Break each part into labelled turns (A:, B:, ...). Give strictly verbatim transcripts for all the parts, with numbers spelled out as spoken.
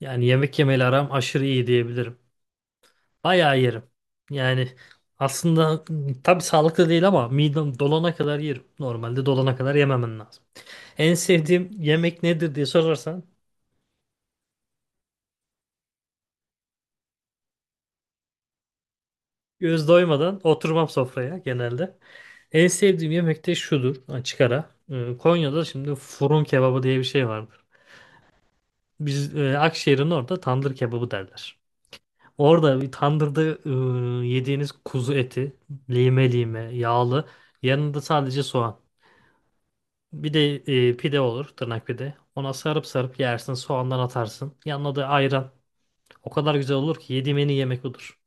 A: Yani yemek yemeyle aram aşırı iyi diyebilirim. Bayağı yerim. Yani aslında tabii sağlıklı değil ama midem dolana kadar yerim. Normalde dolana kadar yememen lazım. En sevdiğim yemek nedir diye sorarsan göz doymadan oturmam sofraya genelde. En sevdiğim yemek de şudur açık ara. Ee, Konya'da şimdi fırın kebabı diye bir şey vardır. Biz e, Akşehir'in orada tandır kebabı derler. Orada bir tandırda e, yediğiniz kuzu eti lime lime yağlı yanında sadece soğan. Bir de e, pide olur, tırnak pide. Ona sarıp sarıp yersin, soğandan atarsın. Yanına da ayran. O kadar güzel olur ki yediğim en iyi yemek odur.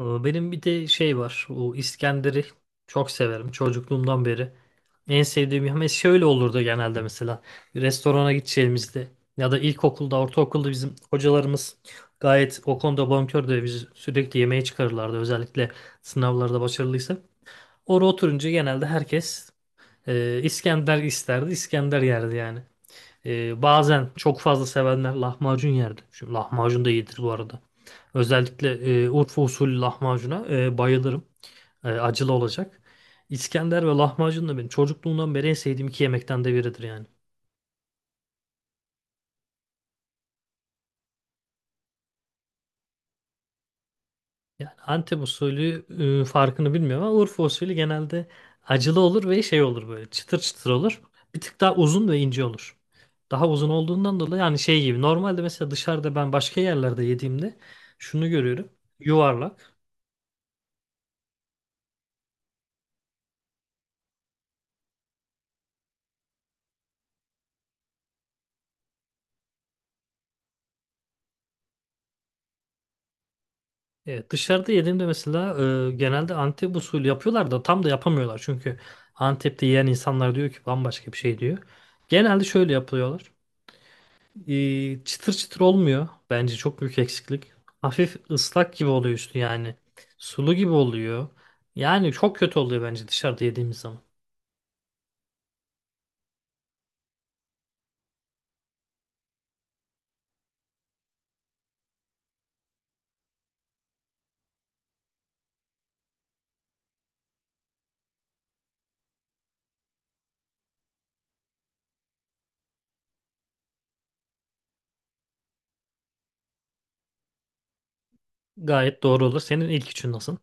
A: Ee, Benim bir de şey var. O İskender'i çok severim çocukluğumdan beri. En sevdiğim yemek şöyle olurdu genelde mesela. Restorana gideceğimizde ya da ilkokulda, ortaokulda bizim hocalarımız gayet o konuda bonkördü. Biz sürekli yemeğe çıkarırlardı özellikle sınavlarda başarılıysa. Orada oturunca genelde herkes e, İskender isterdi, İskender yerdi yani. Ee, bazen çok fazla sevenler lahmacun yerdi. Şimdi lahmacun da iyidir bu arada. Özellikle e, Urfa usulü lahmacuna e, bayılırım. E, acılı olacak. İskender ve lahmacun da benim çocukluğumdan beri en sevdiğim iki yemekten de biridir yani. Yani Antep usulü e, farkını bilmiyorum ama Urfa usulü genelde acılı olur ve şey olur böyle çıtır çıtır olur. Bir tık daha uzun ve ince olur. Daha uzun olduğundan dolayı yani şey gibi normalde mesela dışarıda ben başka yerlerde yediğimde şunu görüyorum. Yuvarlak. Evet, dışarıda yediğimde mesela e, genelde Antep usulü yapıyorlar da tam da yapamıyorlar. Çünkü Antep'te yiyen insanlar diyor ki bambaşka bir şey diyor. Genelde şöyle yapıyorlar. E, çıtır çıtır olmuyor. Bence çok büyük eksiklik. Hafif ıslak gibi oluyor üstü yani. Sulu gibi oluyor. Yani çok kötü oluyor bence dışarıda yediğimiz zaman. Gayet doğru olur. Senin ilk üçün nasıl?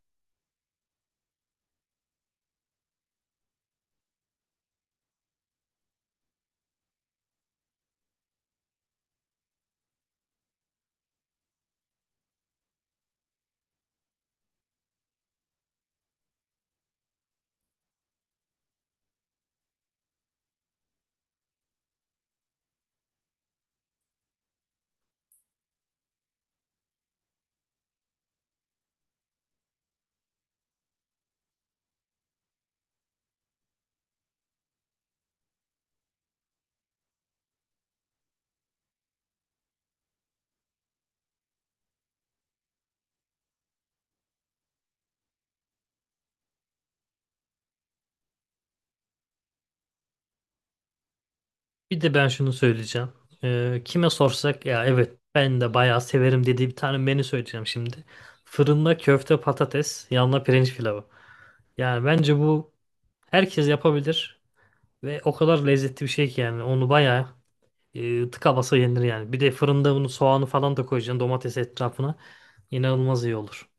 A: Bir de ben şunu söyleyeceğim. Ee, kime sorsak ya evet ben de bayağı severim dediği bir tane menü söyleyeceğim şimdi. Fırında köfte patates, yanına pirinç pilavı. Yani bence bu herkes yapabilir ve o kadar lezzetli bir şey ki yani onu bayağı e, tıka basa yenir yani. Bir de fırında bunu soğanı falan da koyacaksın domates etrafına. İnanılmaz iyi olur.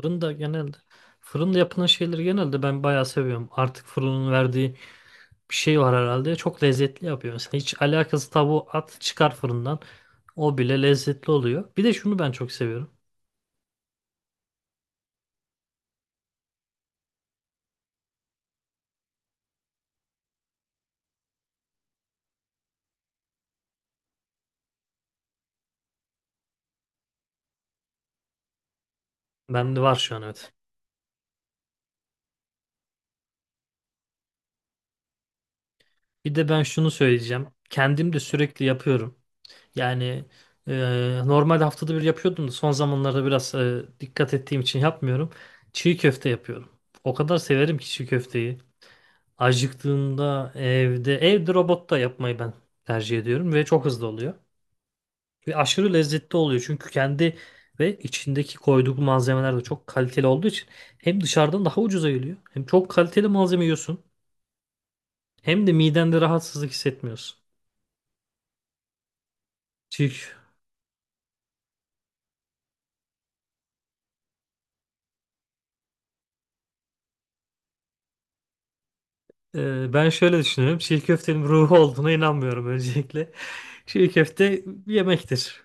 A: Fırında genelde fırında yapılan şeyleri genelde ben bayağı seviyorum. Artık fırının verdiği bir şey var herhalde. Çok lezzetli yapıyor. Mesela hiç alakası tavuğu at çıkar fırından. O bile lezzetli oluyor. Bir de şunu ben çok seviyorum. Bende var şu an evet. Bir de ben şunu söyleyeceğim. Kendim de sürekli yapıyorum. Yani e, normal haftada bir yapıyordum da son zamanlarda biraz e, dikkat ettiğim için yapmıyorum. Çiğ köfte yapıyorum. O kadar severim ki çiğ köfteyi. Acıktığımda evde, evde robotta yapmayı ben tercih ediyorum ve çok hızlı oluyor. Ve aşırı lezzetli oluyor çünkü kendi ve içindeki koyduğu malzemeler de çok kaliteli olduğu için hem dışarıdan daha ucuza geliyor hem çok kaliteli malzeme yiyorsun hem de midende rahatsızlık hissetmiyorsun. Çiğ, Ee, ben şöyle düşünüyorum. Çiğ köftenin ruhu olduğuna inanmıyorum öncelikle. Çiğ köfte bir yemektir.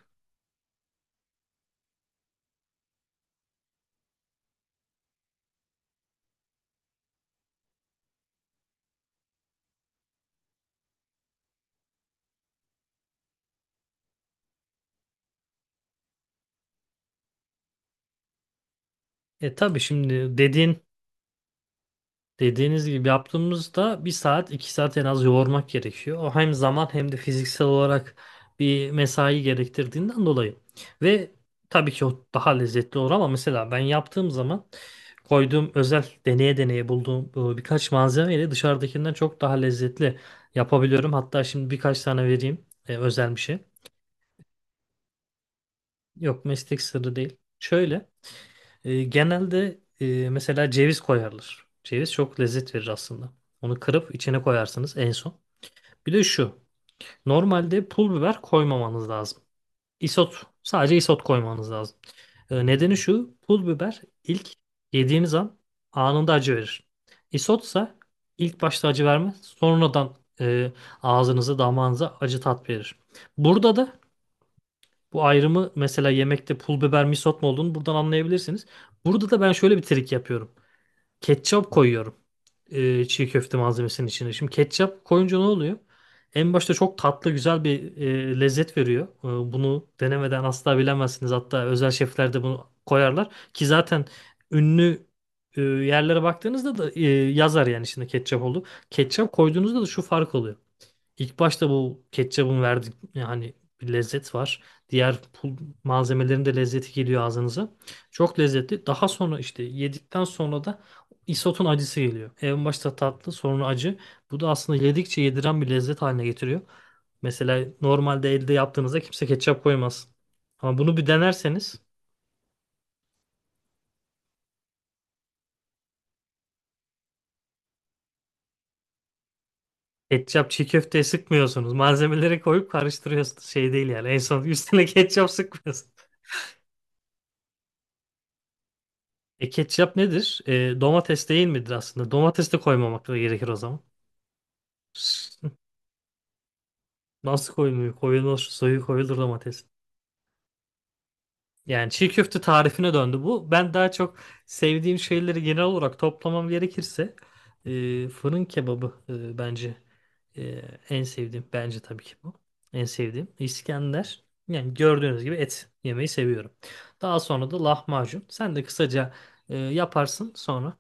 A: E tabii şimdi dediğin Dediğiniz gibi yaptığımızda bir saat iki saat en az yoğurmak gerekiyor. O hem zaman hem de fiziksel olarak bir mesai gerektirdiğinden dolayı. Ve tabii ki o daha lezzetli olur ama mesela ben yaptığım zaman koyduğum özel deneye deneye bulduğum e, birkaç malzemeyle dışarıdakinden çok daha lezzetli yapabiliyorum. Hatta şimdi birkaç tane vereyim e, özel bir şey. Yok meslek sırrı değil. Şöyle. E, genelde e, mesela ceviz koyarlar. Ceviz çok lezzet verir aslında. Onu kırıp içine koyarsınız en son. Bir de şu. Normalde pul biber koymamanız lazım. Isot. Sadece isot koymanız lazım. E, nedeni şu. Pul biber ilk yediğiniz an anında acı verir. Isotsa ilk başta acı vermez. Sonradan e, ağzınıza damağınıza acı tat verir. Burada da bu ayrımı mesela yemekte pul biber mi isot mu olduğunu buradan anlayabilirsiniz. Burada da ben şöyle bir trik yapıyorum. Ketçap koyuyorum e, çiğ köfte malzemesinin içine. Şimdi ketçap koyunca ne oluyor? En başta çok tatlı güzel bir e, lezzet veriyor. E, bunu denemeden asla bilemezsiniz. Hatta özel şefler de bunu koyarlar. Ki zaten ünlü e, yerlere baktığınızda da e, yazar yani şimdi ketçap oldu. Ketçap koyduğunuzda da şu fark oluyor. İlk başta bu ketçabın verdiği yani bir lezzet var. Diğer pul malzemelerin de lezzeti geliyor ağzınıza. Çok lezzetli. Daha sonra işte yedikten sonra da isotun acısı geliyor. En başta tatlı, sonra acı. Bu da aslında yedikçe yediren bir lezzet haline getiriyor. Mesela normalde elde yaptığınızda kimse ketçap koymaz. Ama bunu bir denerseniz ketçap çiğ köfteye sıkmıyorsunuz. Malzemeleri koyup karıştırıyorsunuz. Şey değil yani. En son üstüne ketçap sıkmıyorsunuz. E ketçap nedir? E, domates değil midir aslında? Domates de koymamak da gerekir o zaman. Nasıl koymuyor? Koyulur, suyu koyulur domates. Yani çiğ köfte tarifine döndü bu. Ben daha çok sevdiğim şeyleri genel olarak toplamam gerekirse e, fırın kebabı e, bence e, en sevdiğim. Bence tabii ki bu. En sevdiğim. İskender. Yani gördüğünüz gibi et yemeyi seviyorum. Daha sonra da lahmacun. Sen de kısaca e, yaparsın sonra.